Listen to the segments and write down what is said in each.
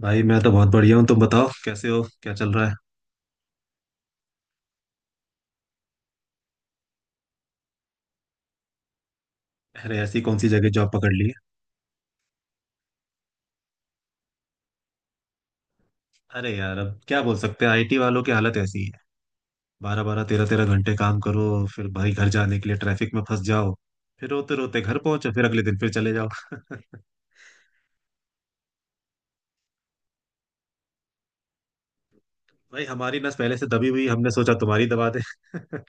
भाई मैं तो बहुत बढ़िया हूँ। तुम बताओ कैसे हो, क्या चल रहा है? अरे ऐसी कौन सी जगह जॉब पकड़ ली है? अरे यार अब क्या बोल सकते हैं, आईटी वालों की हालत ऐसी ही है। बारह बारह तेरह तेरह घंटे काम करो, फिर भाई घर जाने के लिए ट्रैफिक में फंस जाओ। फिर रोते रोते घर पहुंचो, फिर अगले दिन फिर चले जाओ। भाई हमारी नस पहले से दबी हुई, हमने सोचा तुम्हारी दबा दे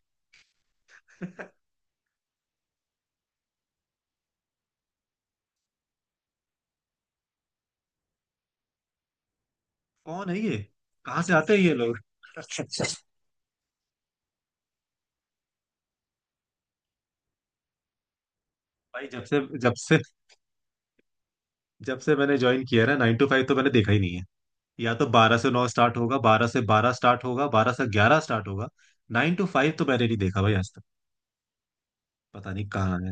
कौन है ये? कहाँ से आते हैं ये लोग? भाई जब से मैंने ज्वाइन किया है ना 9 to 5, तो मैंने देखा ही नहीं है। या तो 12 से 9 स्टार्ट होगा, 12 से 12 स्टार्ट होगा, 12 से 11 स्टार्ट होगा। 9 to 5 तो मैंने नहीं देखा भाई आज तक। पता नहीं कहाँ है।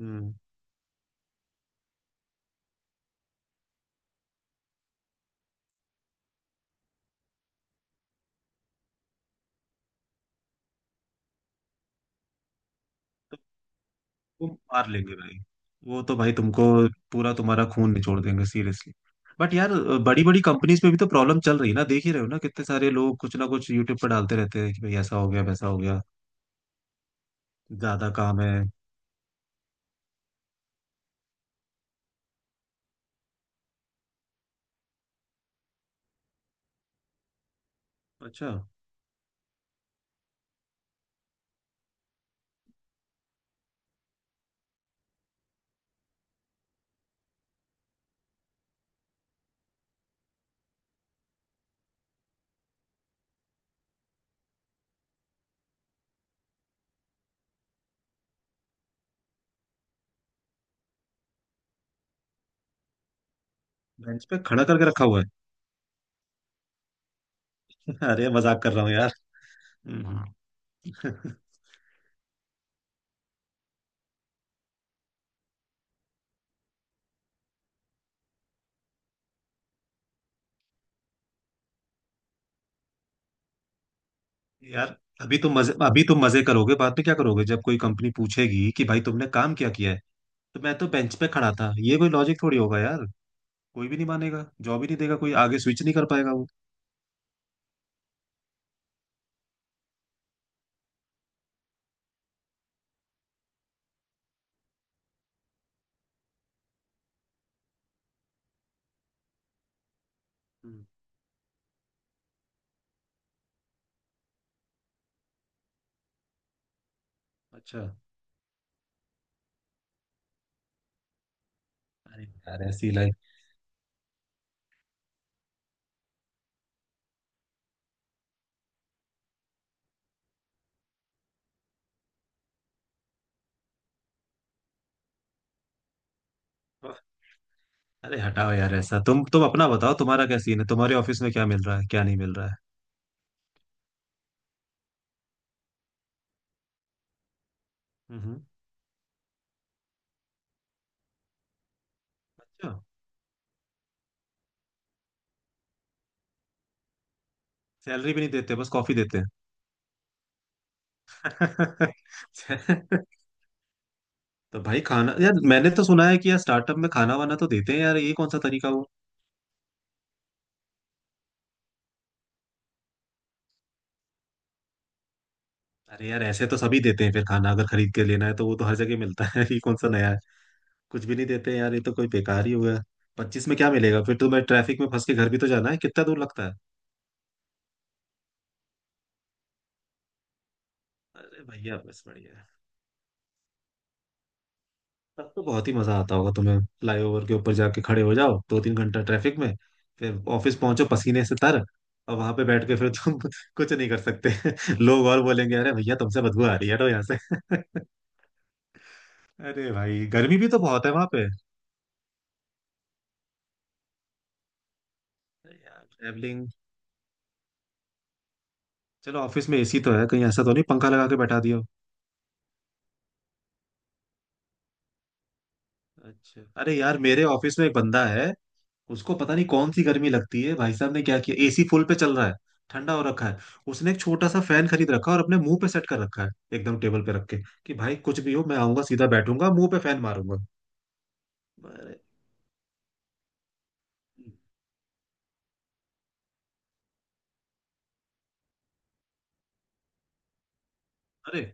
हम्म। तो वो मार लेंगे भाई। वो तो भाई तुमको पूरा तुम्हारा खून निचोड़ देंगे, सीरियसली। बट यार बड़ी बड़ी कंपनीज में भी तो प्रॉब्लम चल रही है ना, देख ही रहे हो ना, कितने सारे लोग कुछ ना कुछ यूट्यूब पर डालते रहते हैं कि भाई ऐसा हो गया, वैसा हो गया। ज्यादा काम है। अच्छा। बेंच पे खड़ा करके रखा हुआ है। अरे मजाक कर रहा हूँ यार। हम्म। यार, अभी तुम मजे करोगे, बाद में क्या करोगे जब कोई कंपनी पूछेगी कि भाई तुमने काम क्या किया है? तो मैं तो बेंच पे खड़ा था, ये कोई लॉजिक थोड़ी होगा यार। कोई भी नहीं मानेगा, जॉब ही नहीं देगा कोई, आगे स्विच नहीं कर पाएगा वो। हम्म, अच्छा। अरे यार ऐसी लाइफ। अरे हटाओ यार, ऐसा तुम अपना बताओ, तुम्हारा क्या सीन है, तुम्हारे ऑफिस में क्या मिल रहा है क्या नहीं मिल रहा है? हम्म। अच्छा। सैलरी भी नहीं देते, बस कॉफी देते हैं। तो भाई खाना यार, मैंने तो सुना है कि यार स्टार्टअप में खाना वाना तो देते हैं यार, ये कौन सा तरीका हुआ? अरे यार ऐसे तो सभी देते हैं, फिर खाना अगर खरीद के लेना है तो वो तो हर जगह मिलता है। ये कौन सा नया है? कुछ भी नहीं देते हैं यार, ये तो कोई बेकार ही हुआ। पच्चीस में क्या मिलेगा, फिर तो मैं ट्रैफिक में फंस के घर भी तो जाना है, कितना दूर लगता है? अरे भैया बस बढ़िया है। तब तो बहुत ही मजा आता होगा तुम्हें, फ्लाईओवर के ऊपर जाके खड़े हो जाओ 2 3 घंटा ट्रैफिक में। फिर ऑफिस पहुंचो पसीने से तर, और वहां पे बैठ के फिर तुम कुछ नहीं कर सकते। लोग और बोलेंगे, अरे भैया तुमसे बदबू आ रही है, तो यहाँ से। अरे भाई गर्मी भी तो बहुत है वहां पे। अरे यार ट्रैवलिंग। चलो ऑफिस में एसी तो है, कहीं ऐसा तो नहीं पंखा लगा के बैठा दियो। अच्छा। अरे यार मेरे ऑफिस में एक बंदा है, उसको पता नहीं कौन सी गर्मी लगती है। भाई साहब ने क्या किया, एसी फुल पे चल रहा है, ठंडा हो रखा है। उसने एक छोटा सा फैन खरीद रखा है और अपने मुंह पे सेट कर रखा है, एकदम टेबल पे रख के। कि भाई कुछ भी हो मैं आऊंगा, सीधा बैठूंगा, मुंह पे फैन मारूंगा। अरे अरे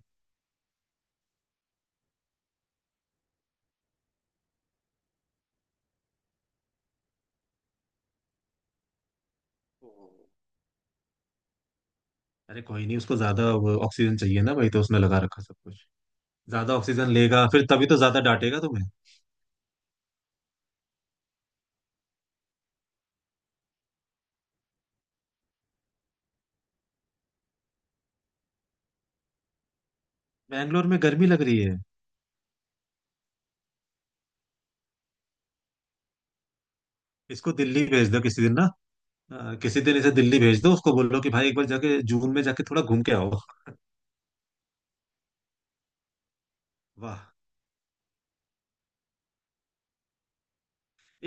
अरे कोई नहीं, उसको ज्यादा वो ऑक्सीजन चाहिए ना भाई, तो उसने लगा रखा सब कुछ। ज्यादा ऑक्सीजन लेगा फिर तभी तो ज्यादा डांटेगा तुम्हें। बैंगलोर में गर्मी लग रही है? इसको दिल्ली भेज दो किसी दिन ना। किसी दिन इसे दिल्ली भेज दो, उसको बोलो कि भाई एक बार जाके जून में जाके थोड़ा घूम के आओ। वाह।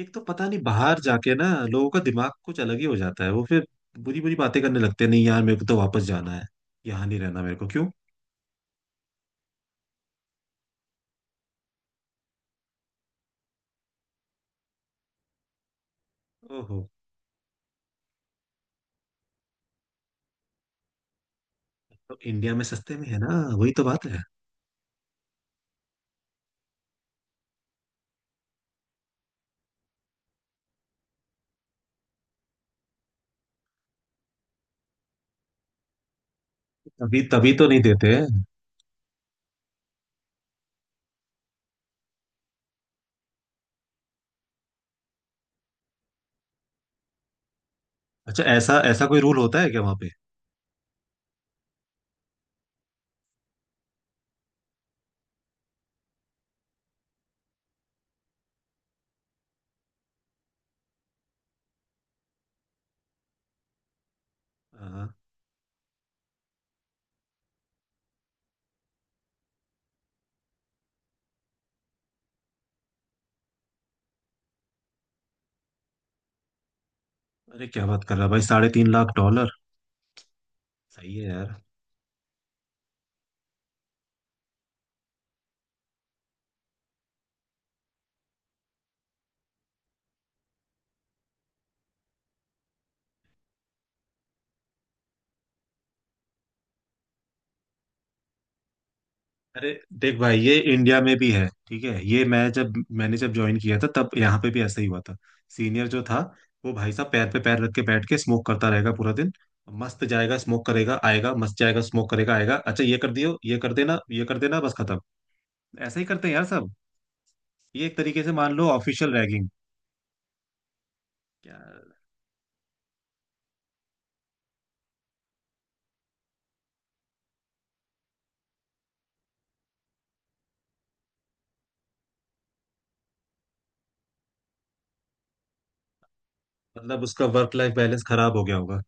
एक तो पता नहीं बाहर जाके ना, लोगों का दिमाग कुछ अलग ही हो जाता है, वो फिर बुरी बुरी बातें करने लगते हैं। नहीं यार, मेरे को तो वापस जाना है, यहाँ नहीं रहना मेरे को, क्यों? ओहो। तो इंडिया में सस्ते में है ना, वही तो बात है। तभी तभी तो नहीं देते हैं। अच्छा, ऐसा ऐसा कोई रूल होता है क्या वहां पे? हाँ, अरे क्या बात कर रहा है भाई, 3.5 लाख डॉलर। सही है यार। अरे देख भाई ये इंडिया में भी है, ठीक है। ये मैं जब मैंने जब ज्वाइन किया था तब यहाँ पे भी ऐसा ही हुआ था। सीनियर जो था, वो भाई साहब पैर पे पैर रख के बैठ के स्मोक करता रहेगा पूरा दिन। मस्त जाएगा स्मोक करेगा आएगा, मस्त जाएगा स्मोक करेगा आएगा, अच्छा ये कर दियो, ये कर देना, ये कर देना, बस खत्म। ऐसा ही करते हैं यार सब। ये एक तरीके से मान लो ऑफिशियल रैगिंग। यार, मतलब उसका वर्क लाइफ बैलेंस खराब हो गया होगा।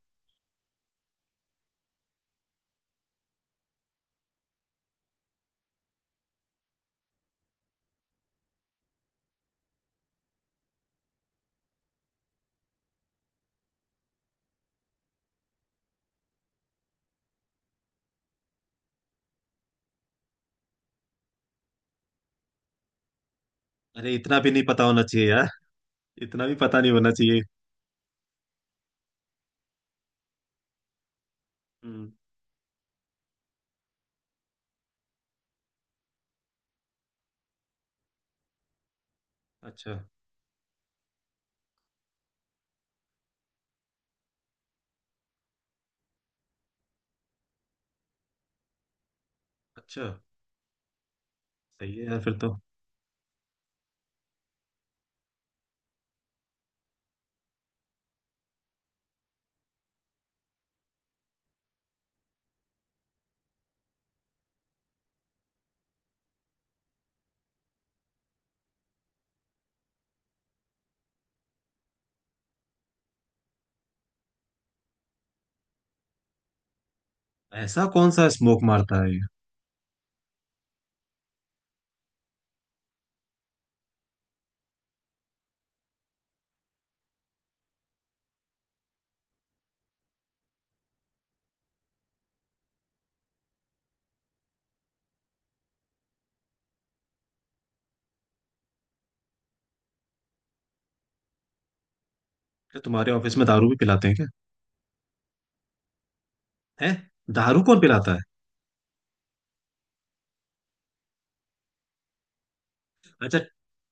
अरे इतना भी नहीं पता होना चाहिए यार, इतना भी पता नहीं होना चाहिए। हम्म। अच्छा अच्छा। सही है यार फिर तो। ऐसा कौन सा स्मोक मारता है? क्या तुम्हारे ऑफिस में दारू भी पिलाते हैं क्या? है? दारू कौन पिलाता है? अच्छा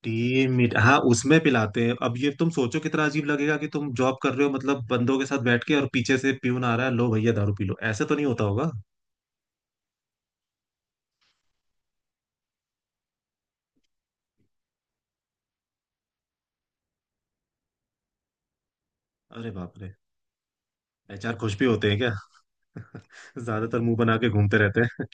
टीम मीट। हाँ, उसमें पिलाते हैं। अब ये तुम सोचो कितना अजीब लगेगा, कि तुम जॉब कर रहे हो मतलब बंदों के साथ बैठ के, और पीछे से प्यून आ रहा है, लो भैया दारू पी लो, ऐसे तो नहीं होता होगा। अरे बाप रे। एचआर खुश भी होते हैं क्या? ज्यादातर मुंह बना के घूमते रहते हैं।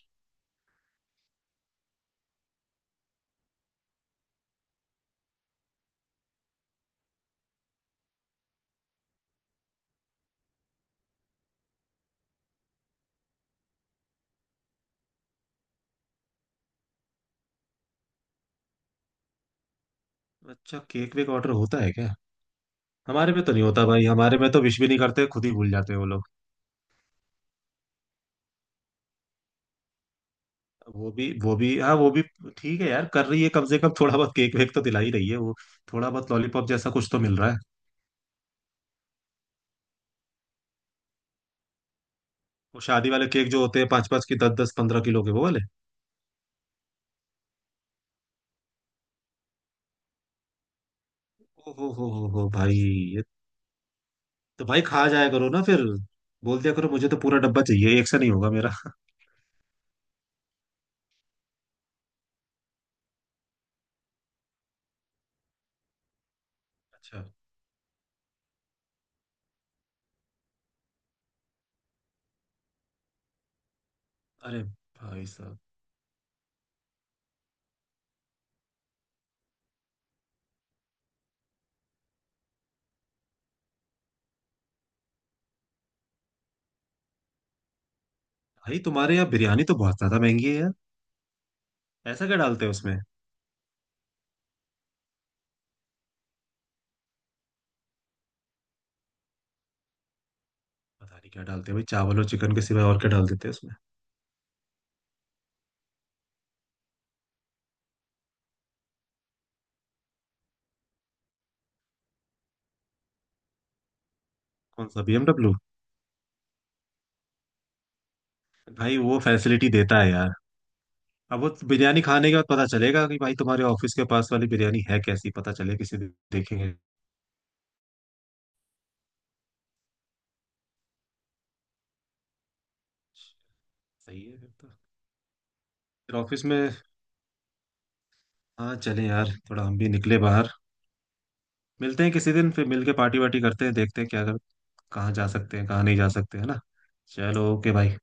अच्छा केक वेक ऑर्डर होता है क्या? हमारे में तो नहीं होता भाई, हमारे में तो विश भी नहीं करते, खुद ही भूल जाते हैं वो लोग। वो भी हाँ वो भी। ठीक है यार, कर रही है, कम से कम थोड़ा बहुत केक वेक तो दिला ही रही है वो। थोड़ा बहुत लॉलीपॉप जैसा कुछ तो मिल रहा है। वो शादी वाले केक जो होते हैं, पांच पांच की दस दस 15 किलो के, वो वाले। ओ हो भाई। ये तो भाई खा जाया करो ना फिर, बोल दिया करो मुझे तो पूरा डब्बा चाहिए, एक से नहीं होगा मेरा। अच्छा। अरे भाई साहब। भाई तुम्हारे यहाँ बिरयानी तो बहुत ज्यादा महंगी है यार। ऐसा क्या डालते हैं उसमें? पता नहीं क्या डालते हैं भाई, चावल और चिकन के सिवाय और क्या डाल देते हैं उसमें। कौन सा बीएमडब्ल्यू? भाई वो फैसिलिटी देता है यार। अब वो बिरयानी खाने के बाद पता चलेगा कि भाई, तुम्हारे ऑफिस के पास वाली बिरयानी है कैसी, पता चले, किसी दिन देखेंगे। सही है फिर तो। फिर ऑफिस में। हाँ चले यार, थोड़ा हम भी निकले बाहर। मिलते हैं किसी दिन, फिर मिल के पार्टी वार्टी करते हैं, देखते हैं क्या कर, कहाँ जा सकते हैं कहाँ नहीं जा सकते, है ना? चलो ओके भाई।